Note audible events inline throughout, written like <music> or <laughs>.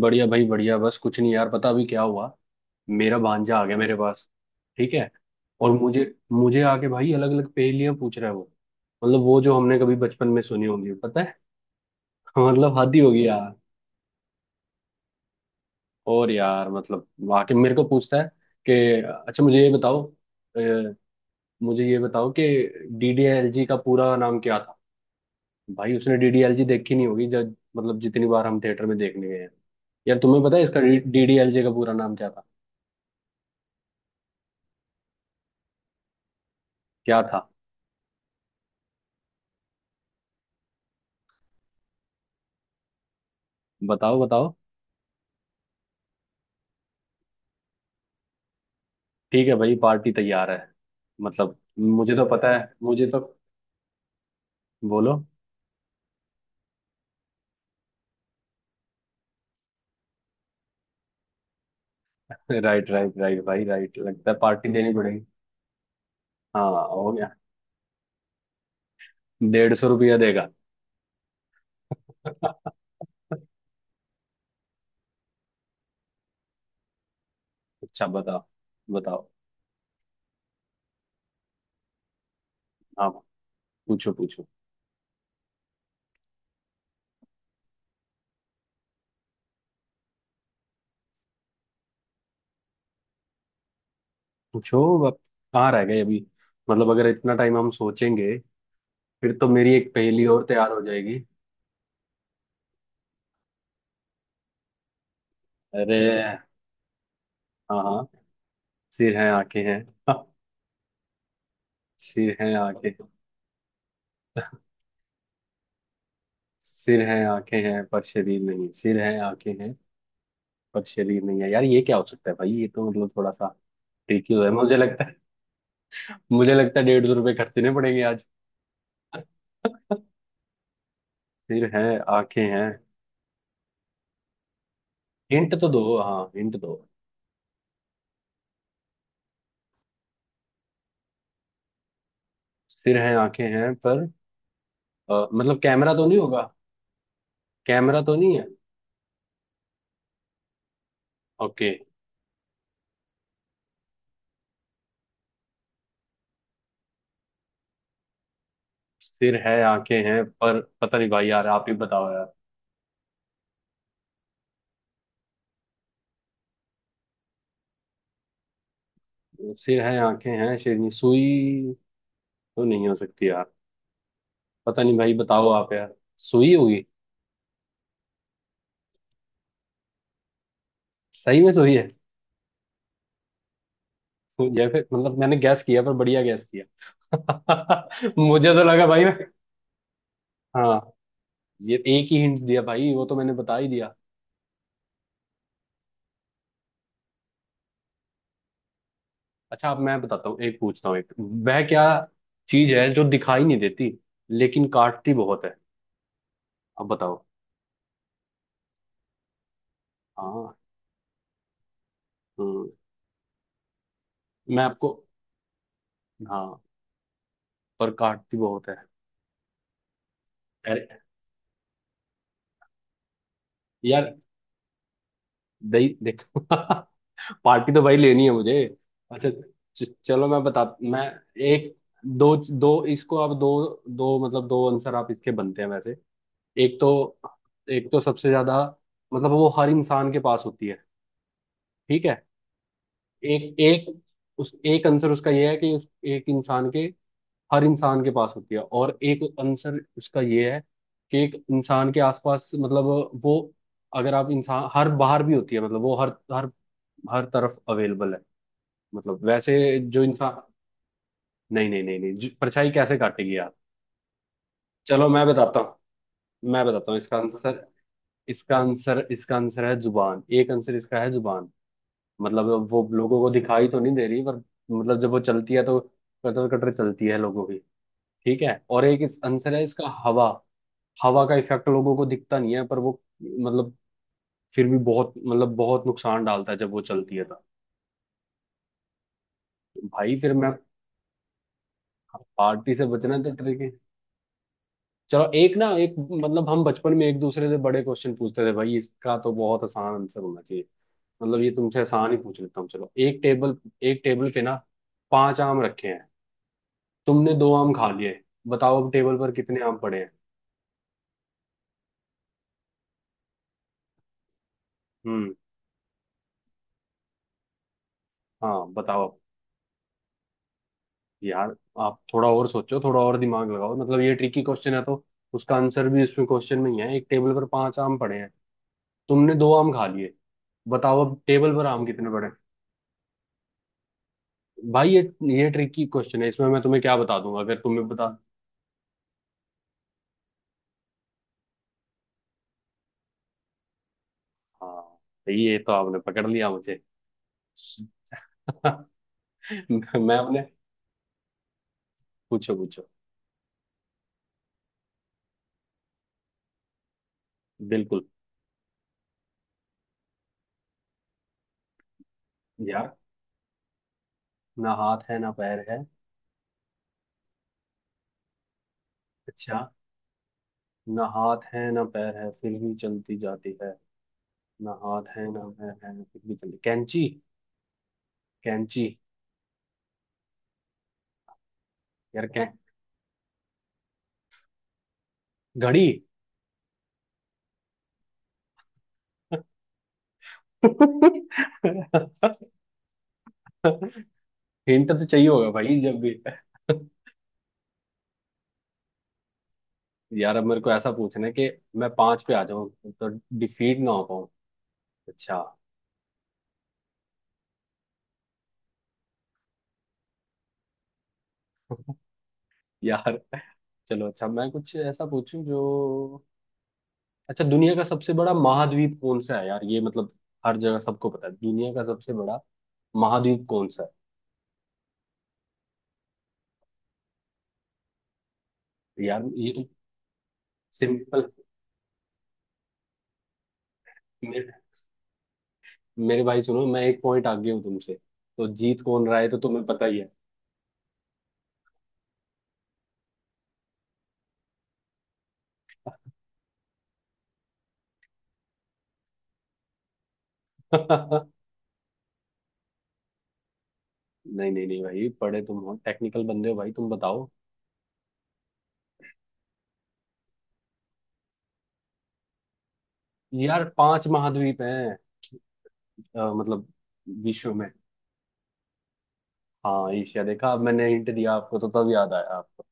बढ़िया भाई, बढ़िया। बस कुछ नहीं यार, पता अभी क्या हुआ। मेरा भांजा आ गया मेरे पास। ठीक है। और मुझे मुझे आके भाई अलग अलग पहेलियां पूछ रहा है वो। मतलब वो जो हमने कभी बचपन में सुनी होंगी, पता है। <laughs> मतलब हद ही होगी यार। और यार मतलब आके मेरे को पूछता है कि, अच्छा मुझे ये बताओ। अ, मुझे ये बताओ कि डीडीएलजी का पूरा नाम क्या था? भाई उसने डीडीएलजी देखी नहीं होगी, जब मतलब जितनी बार हम थिएटर में देखने गए हैं। यार तुम्हें पता है इसका? डीडीएलजे का पूरा नाम क्या था? क्या था? बताओ, बताओ। ठीक है भाई, पार्टी तैयार है, मतलब। मुझे तो पता है, मुझे तो। बोलो। राइट, राइट, राइट भाई, राइट लगता है पार्टी देनी पड़ेगी। हाँ, हो गया। 150 रुपया देगा। <laughs> अच्छा, बताओ। बताओ, हाँ। पूछो, पूछो। पूछो। अब कहाँ रह गए अभी? मतलब अगर इतना टाइम हम सोचेंगे, फिर तो मेरी एक पहेली और तैयार हो जाएगी। अरे हाँ, हाँ। सिर है, आंखें हैं। <laughs> सिर है, आंखें। सिर है, आंखें हैं पर शरीर नहीं। सिर है, आंखें हैं पर शरीर नहीं है यार। ये क्या हो सकता है भाई? ये तो मतलब थोड़ा सा ट्रिकी है, मुझे लगता है। मुझे लगता है 150 रुपये खर्चने पड़ेंगे आज। सिर है, आंखें हैं। हिंट तो दो, हाँ हिंट दो। सिर है, आंखें हैं पर, मतलब कैमरा तो नहीं होगा? कैमरा तो नहीं है। ओके। सिर है, आंखें हैं पर पता नहीं भाई, यार आप ही बताओ यार। सिर है, आंखें हैं। शेरनी? सुई तो नहीं हो सकती यार? पता नहीं भाई, बताओ आप यार। सुई होगी? सही में सुई है। तो ये फिर मतलब मैंने गैस किया, पर बढ़िया गैस किया। <laughs> मुझे तो लगा भाई, मैं। हाँ, ये एक ही हिंट दिया भाई वो तो, मैंने बता ही दिया। अच्छा, अब मैं बताता हूँ, एक पूछता हूँ। एक वह क्या चीज है जो दिखाई नहीं देती लेकिन काटती बहुत है? अब बताओ। हाँ। हम्म। मैं आपको, हाँ, पर काटती बहुत है। अरे यार, दही देखो। <laughs> पार्टी तो भाई लेनी है मुझे। अच्छा। चलो मैं बता, मैं एक, दो। दो इसको आप दो, दो मतलब दो आंसर आप इसके बनते हैं वैसे। एक तो, एक तो सबसे ज्यादा मतलब वो हर इंसान के पास होती है। ठीक है। एक एक, उस एक आंसर उसका ये है कि उस एक इंसान के, हर इंसान के पास होती है। और एक आंसर उसका ये है कि एक इंसान के आसपास मतलब, वो, अगर आप इंसान, हर बाहर भी होती है मतलब वो हर हर हर तरफ अवेलेबल है, मतलब वैसे। जो इंसान, नहीं नहीं नहीं नहीं, परछाई कैसे काटेगी यार? चलो मैं बताता हूँ, मैं बताता हूँ इसका आंसर। इसका आंसर है जुबान। एक आंसर इसका है जुबान, मतलब। वो लोगों को दिखाई तो नहीं दे रही पर, मतलब जब वो चलती है तो कटर कटर चलती है लोगों की। ठीक है। और एक इस आंसर है इसका, हवा। हवा का इफेक्ट लोगों को दिखता नहीं है पर वो मतलब, फिर भी बहुत मतलब बहुत नुकसान डालता है जब वो चलती है तो। भाई फिर मैं पार्टी से बचना तो ट्रिक है। चलो एक ना एक मतलब हम बचपन में एक दूसरे से बड़े क्वेश्चन पूछते थे भाई, इसका तो बहुत आसान आंसर होना चाहिए। मतलब ये तुमसे आसान ही पूछ लेता हूँ। चलो एक टेबल पे ना, पांच आम रखे हैं। तुमने दो आम खा लिए। बताओ अब टेबल पर कितने आम पड़े हैं? हम्म। हाँ बताओ अब। यार आप थोड़ा और सोचो, थोड़ा और दिमाग लगाओ। मतलब ये ट्रिकी क्वेश्चन है तो उसका आंसर भी उसमें क्वेश्चन में ही है। एक टेबल पर पांच आम पड़े हैं, तुमने दो आम खा लिए। बताओ अब टेबल पर आम कितने पड़े? भाई ये ट्रिकी क्वेश्चन है, इसमें मैं तुम्हें क्या बता दूंगा अगर तुम्हें बता। हाँ, ये तो आपने पकड़ लिया मुझे। <laughs> मैं अपने। पूछो, पूछो। बिल्कुल यार। ना हाथ है ना पैर है। अच्छा, ना हाथ है ना पैर है फिर भी चलती जाती है। ना हाथ है ना पैर है फिर भी चलती, कैंची? कैंची। यार कै घड़ी। <laughs> हिंट तो चाहिए होगा भाई, जब भी। <laughs> यार अब मेरे को ऐसा पूछना है कि मैं पांच पे आ जाऊं तो डिफीट ना हो पाऊं। अच्छा। यार चलो, अच्छा मैं कुछ ऐसा पूछूं जो, अच्छा दुनिया का सबसे बड़ा महाद्वीप कौन सा है? यार ये मतलब हर जगह सबको पता है, दुनिया का सबसे बड़ा महाद्वीप कौन सा है? यार ये तो सिंपल। मेरे, मेरे भाई सुनो, मैं एक पॉइंट आगे हूँ तुमसे, तो जीत कौन रहा है तो तुम्हें पता ही है। <laughs> नहीं, नहीं। नहीं भाई, पढ़े तुम हो, टेक्निकल बंदे हो भाई, तुम बताओ। यार पांच महाद्वीप हैं मतलब विश्व में। हाँ, ईशिया? देखा, अब मैंने हिंट दिया आपको तो तब याद आया आपको।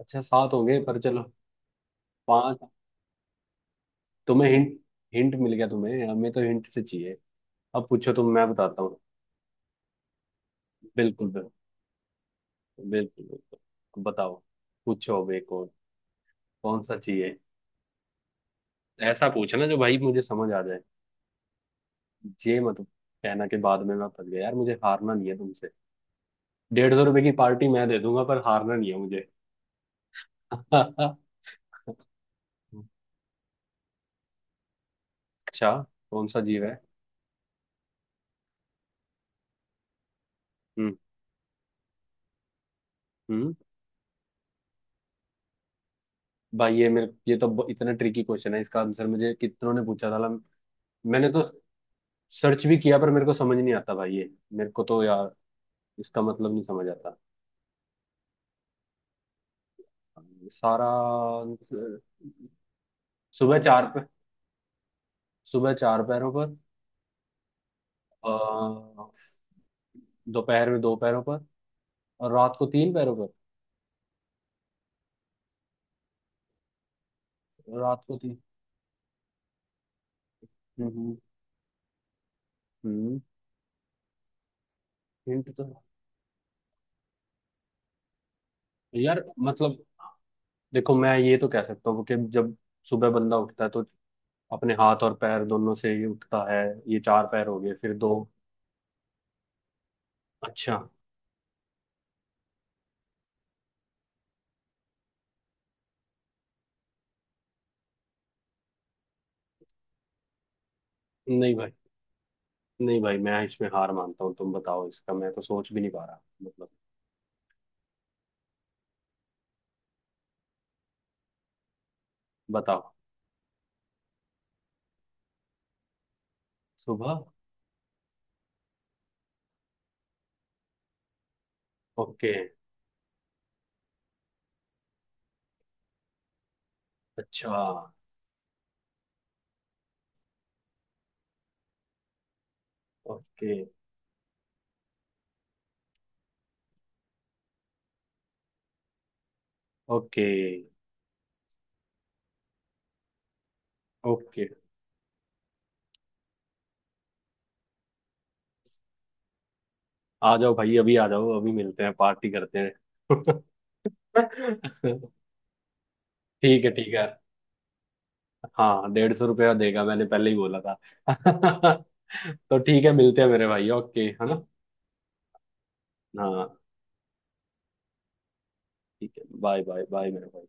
अच्छा सात हो गए, पर चलो। पांच। तुम्हें हिंट, हिंट मिल गया तुम्हें, हमें तो हिंट से चाहिए। अब पूछो तुम, मैं बताता हूँ। बिल्कुल, बिल्कुल। बिल्कुल, बिल्कुल। अब बताओ, पूछो अब एक और। कौन सा चाहिए? ऐसा पूछना जो भाई मुझे समझ आ जाए। ये मत कहना के बाद में मैं फंस गया यार, मुझे हारना नहीं है तुमसे। 150 रुपए की पार्टी मैं दे दूंगा, पर हारना नहीं है मुझे। <laughs> अच्छा, कौन सा जीव है? हम्म। हम्म। भाई ये मेरे, ये तो इतना ट्रिकी क्वेश्चन है, इसका आंसर मुझे कितनों ने पूछा था मैंने तो सर्च भी किया पर मेरे को समझ नहीं आता भाई ये। मेरे को तो यार इसका मतलब नहीं समझ आता सारा आंसर-। सुबह चार पे सुबह चार पैरों पर, अ, दोपहर में दो पैरों पर और रात को तीन पैरों पर। रात को तीन। हम्म। हम्म। हिंट तो, यार मतलब, देखो मैं ये तो कह सकता हूँ कि जब सुबह बंदा उठता है तो अपने हाथ और पैर दोनों से ही उठता है। ये चार पैर हो गए, फिर दो। अच्छा। नहीं भाई, नहीं भाई, मैं इसमें हार मानता हूँ, तुम बताओ इसका, मैं तो सोच भी नहीं पा रहा मतलब। बताओ। सुबह। ओके। अच्छा। ओके। ओके। ओके। आ जाओ भाई, अभी आ जाओ, अभी मिलते हैं, पार्टी करते हैं। <laughs> ठीक है, ठीक है। हाँ, 150 रुपया देगा, मैंने पहले ही बोला था। <laughs> तो ठीक है, मिलते हैं मेरे भाई, ओके है ना? हाँ, ठीक है। बाय बाय बाय मेरे भाई।